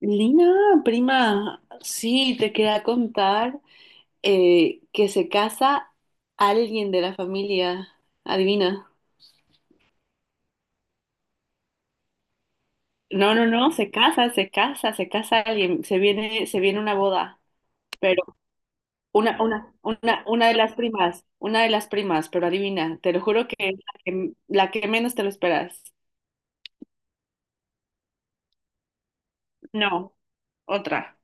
Lina, prima, sí, te quería contar que se casa alguien de la familia. Adivina. No, no, no, se casa, se casa, se casa alguien. Se viene una boda. Pero una de las primas, una de las primas, pero adivina, te lo juro que es la que menos te lo esperas. No, otra.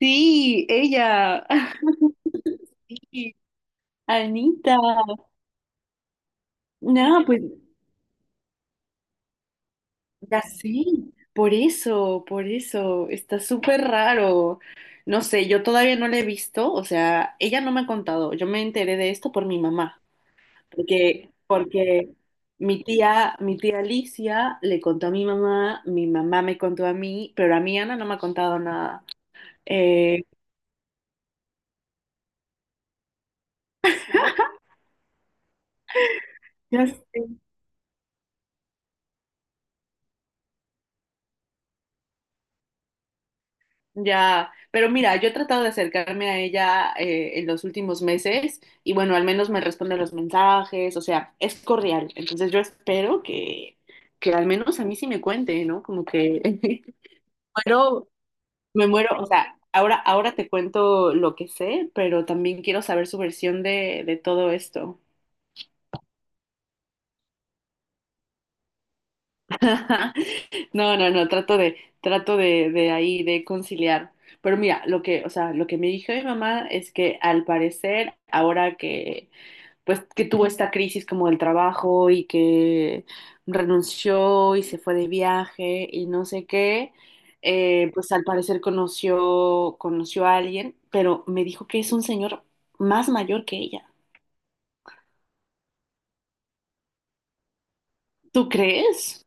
Sí, ella. Sí, Anita. No, pues. Ya sí, por eso, está súper raro. No sé, yo todavía no la he visto, o sea, ella no me ha contado, yo me enteré de esto por mi mamá, porque mi tía Alicia le contó a mi mamá me contó a mí, pero a mí Ana no me ha contado nada. Eh, ya sé. Ya, pero mira, yo he tratado de acercarme a ella en los últimos meses y bueno, al menos me responde los mensajes, o sea, es cordial. Entonces yo espero que al menos a mí sí me cuente, ¿no? Como que muero, me muero, o sea, ahora te cuento lo que sé, pero también quiero saber su versión de todo esto. No, no, no, trato de, conciliar. Pero mira, lo que, o sea, lo que me dijo mi mamá es que al parecer, ahora que, pues, que tuvo esta crisis como del trabajo y que renunció y se fue de viaje y no sé qué, pues al parecer conoció a alguien, pero me dijo que es un señor más mayor que ella. ¿Tú crees?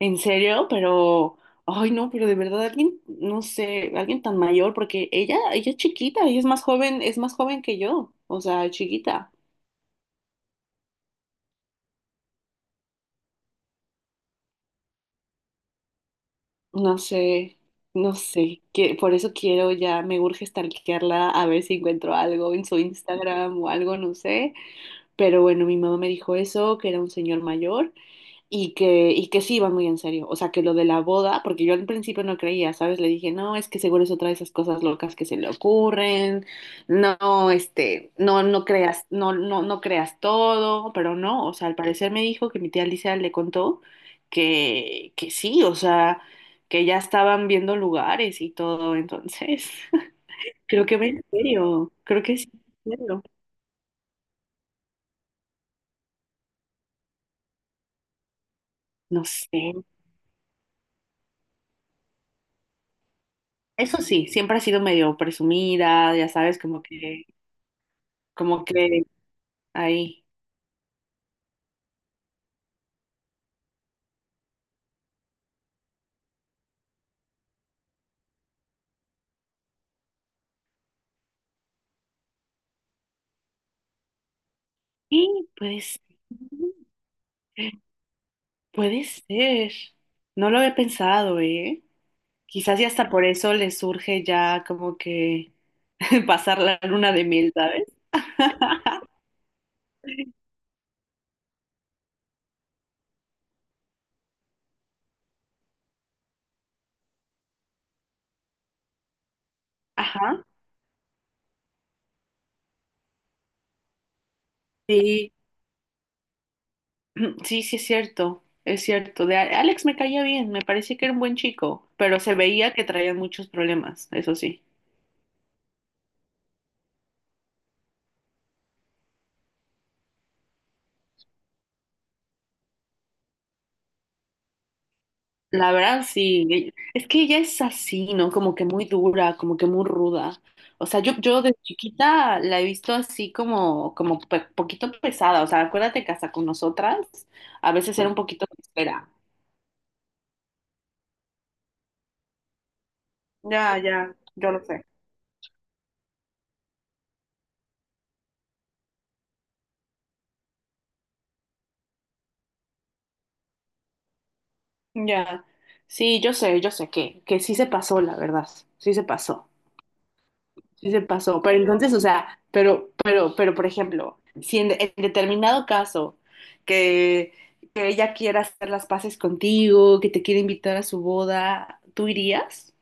En serio, pero, ay no, pero de verdad alguien, no sé, alguien tan mayor, porque ella es chiquita, ella es más joven que yo, o sea, chiquita. No sé, no sé, que por eso quiero ya, me urge stalkearla a ver si encuentro algo en su Instagram o algo, no sé. Pero bueno, mi mamá me dijo eso, que era un señor mayor. Y que sí iba muy en serio. O sea, que lo de la boda, porque yo al principio no creía, ¿sabes? Le dije, no, es que seguro es otra de esas cosas locas que se le ocurren. No, no, no creas, no, no, no creas todo, pero no. O sea, al parecer me dijo que mi tía Alicia le contó que sí, o sea, que ya estaban viendo lugares y todo. Entonces, creo que va en serio. Creo que sí, va en serio. No sé. Eso sí, siempre ha sido medio presumida, ya sabes, como que, como que Ahí. Y puede ser, puede ser. No lo había pensado, ¿eh? Quizás y hasta por eso le surge ya como que pasar la luna de miel, ¿sabes? Ajá. Sí, sí, sí es cierto, es cierto. De Alex me caía bien, me parecía que era un buen chico, pero se veía que traía muchos problemas, eso sí. La verdad, sí. Es que ella es así, ¿no? Como que muy dura, como que muy ruda. O sea, yo de chiquita la he visto así como, como poquito pesada. O sea, acuérdate que hasta con nosotras a veces era un poquito espera. Ya, ya, yo lo sé. Ya. Sí, yo sé que sí se pasó, la verdad. Sí se pasó. Sí se pasó, pero entonces, o sea, pero, por ejemplo, si en determinado caso que, que ella quiera hacer las paces contigo, que te quiere invitar a su boda, ¿tú irías?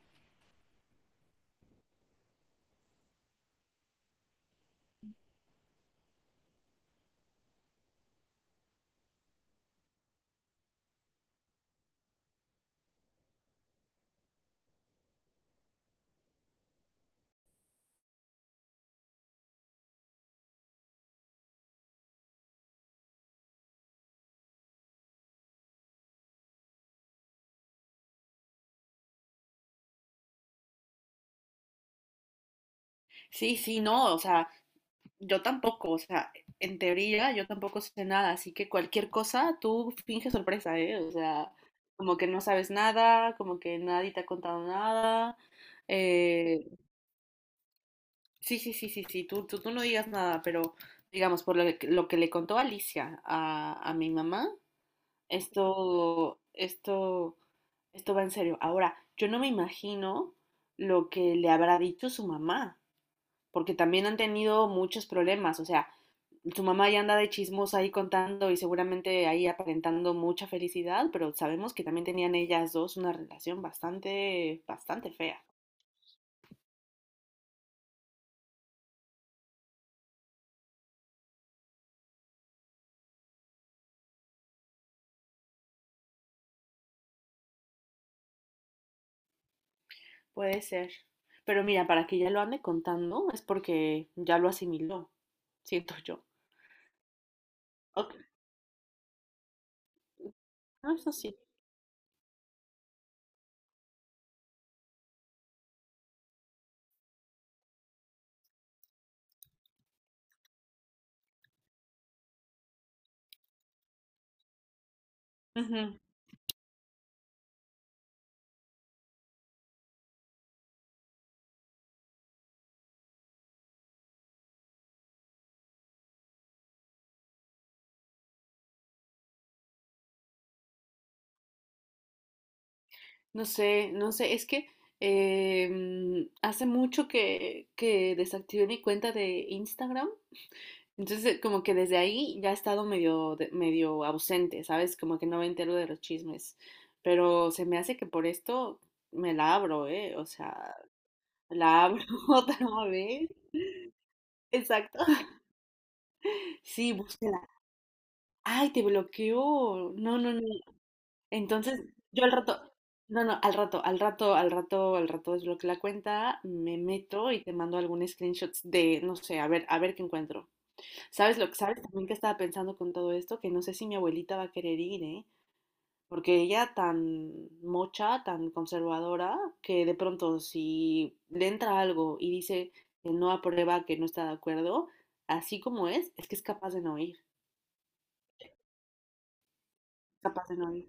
Sí, sí, no, o sea, yo tampoco, o sea, en teoría yo tampoco sé nada, así que cualquier cosa tú finges sorpresa, ¿eh? O sea, como que no sabes nada, como que nadie te ha contado nada, eh, Sí, sí, sí, sí, sí, tú no digas nada, pero digamos, por lo que le contó Alicia a mi mamá, esto, esto, esto va en serio. Ahora, yo no me imagino lo que le habrá dicho su mamá, porque también han tenido muchos problemas, o sea, su mamá ya anda de chismosa ahí contando y seguramente ahí aparentando mucha felicidad, pero sabemos que también tenían ellas dos una relación bastante, bastante fea. Puede ser. Pero mira, para que ya lo ande contando es porque ya lo asimiló, siento yo. Ok, no, eso sí. Ujú. No sé, no sé, es que hace mucho que desactivé mi cuenta de Instagram. Entonces, como que desde ahí ya he estado medio, medio ausente, ¿sabes? Como que no me entero de los chismes. Pero se me hace que por esto me la abro, ¿eh? O sea, la abro otra vez. Exacto. Sí, búsquela. Ay, te bloqueó. No, no, no. Entonces, yo al rato, no, no, al rato desbloqueo la cuenta, me meto y te mando algún screenshots de, no sé, a ver qué encuentro. ¿Sabes lo que sabes también que estaba pensando con todo esto? Que no sé si mi abuelita va a querer ir, ¿eh? Porque ella tan mocha, tan conservadora, que de pronto si le entra algo y dice que no aprueba, que no está de acuerdo, así como es que es capaz de no ir, capaz de no ir.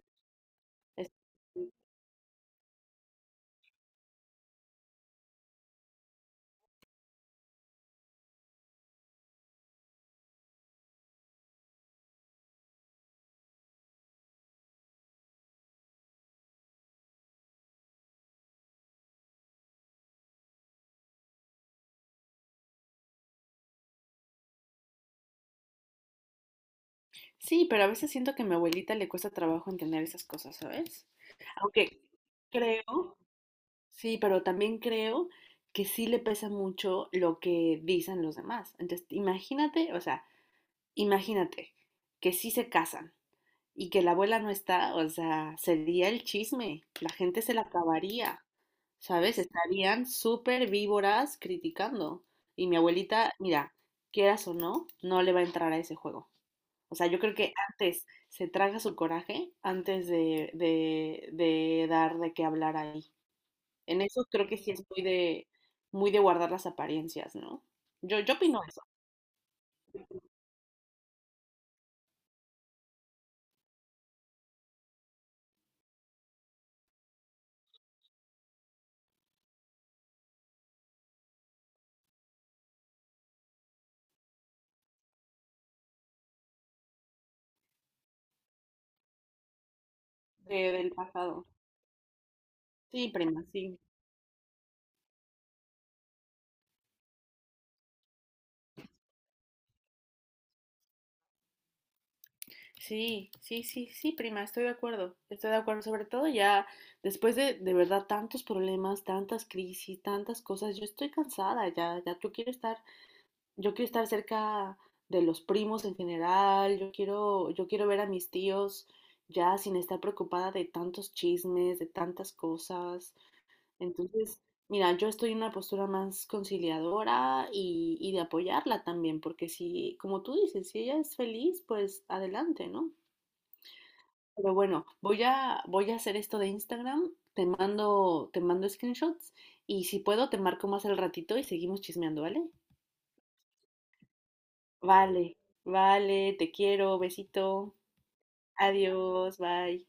Es- Sí, pero a veces siento que a mi abuelita le cuesta trabajo entender esas cosas, ¿sabes? Aunque creo, sí, pero también creo que sí le pesa mucho lo que dicen los demás. Entonces, imagínate, o sea, imagínate que sí se casan y que la abuela no está, o sea, sería el chisme, la gente se la acabaría, ¿sabes? Estarían súper víboras criticando. Y mi abuelita, mira, quieras o no, no le va a entrar a ese juego. O sea, yo creo que antes se traga su coraje antes de dar de qué hablar ahí. En eso creo que sí es muy de guardar las apariencias, ¿no? Yo opino eso, del pasado. Sí, prima, sí. Sí, sí, sí, sí, prima, estoy de acuerdo. Estoy de acuerdo. Sobre todo ya después de verdad, tantos problemas, tantas crisis, tantas cosas. Yo estoy cansada ya. Ya yo quiero estar. Yo quiero estar cerca de los primos en general, yo quiero ver a mis tíos ya sin estar preocupada de tantos chismes, de tantas cosas. Entonces, mira, yo estoy en una postura más conciliadora y de apoyarla también, porque si, como tú dices, si ella es feliz, pues adelante, ¿no? Pero bueno, voy a hacer esto de Instagram, te mando screenshots y si puedo te marco más al ratito y seguimos chismeando, ¿vale? Vale, vale, te quiero, besito, adiós, bye.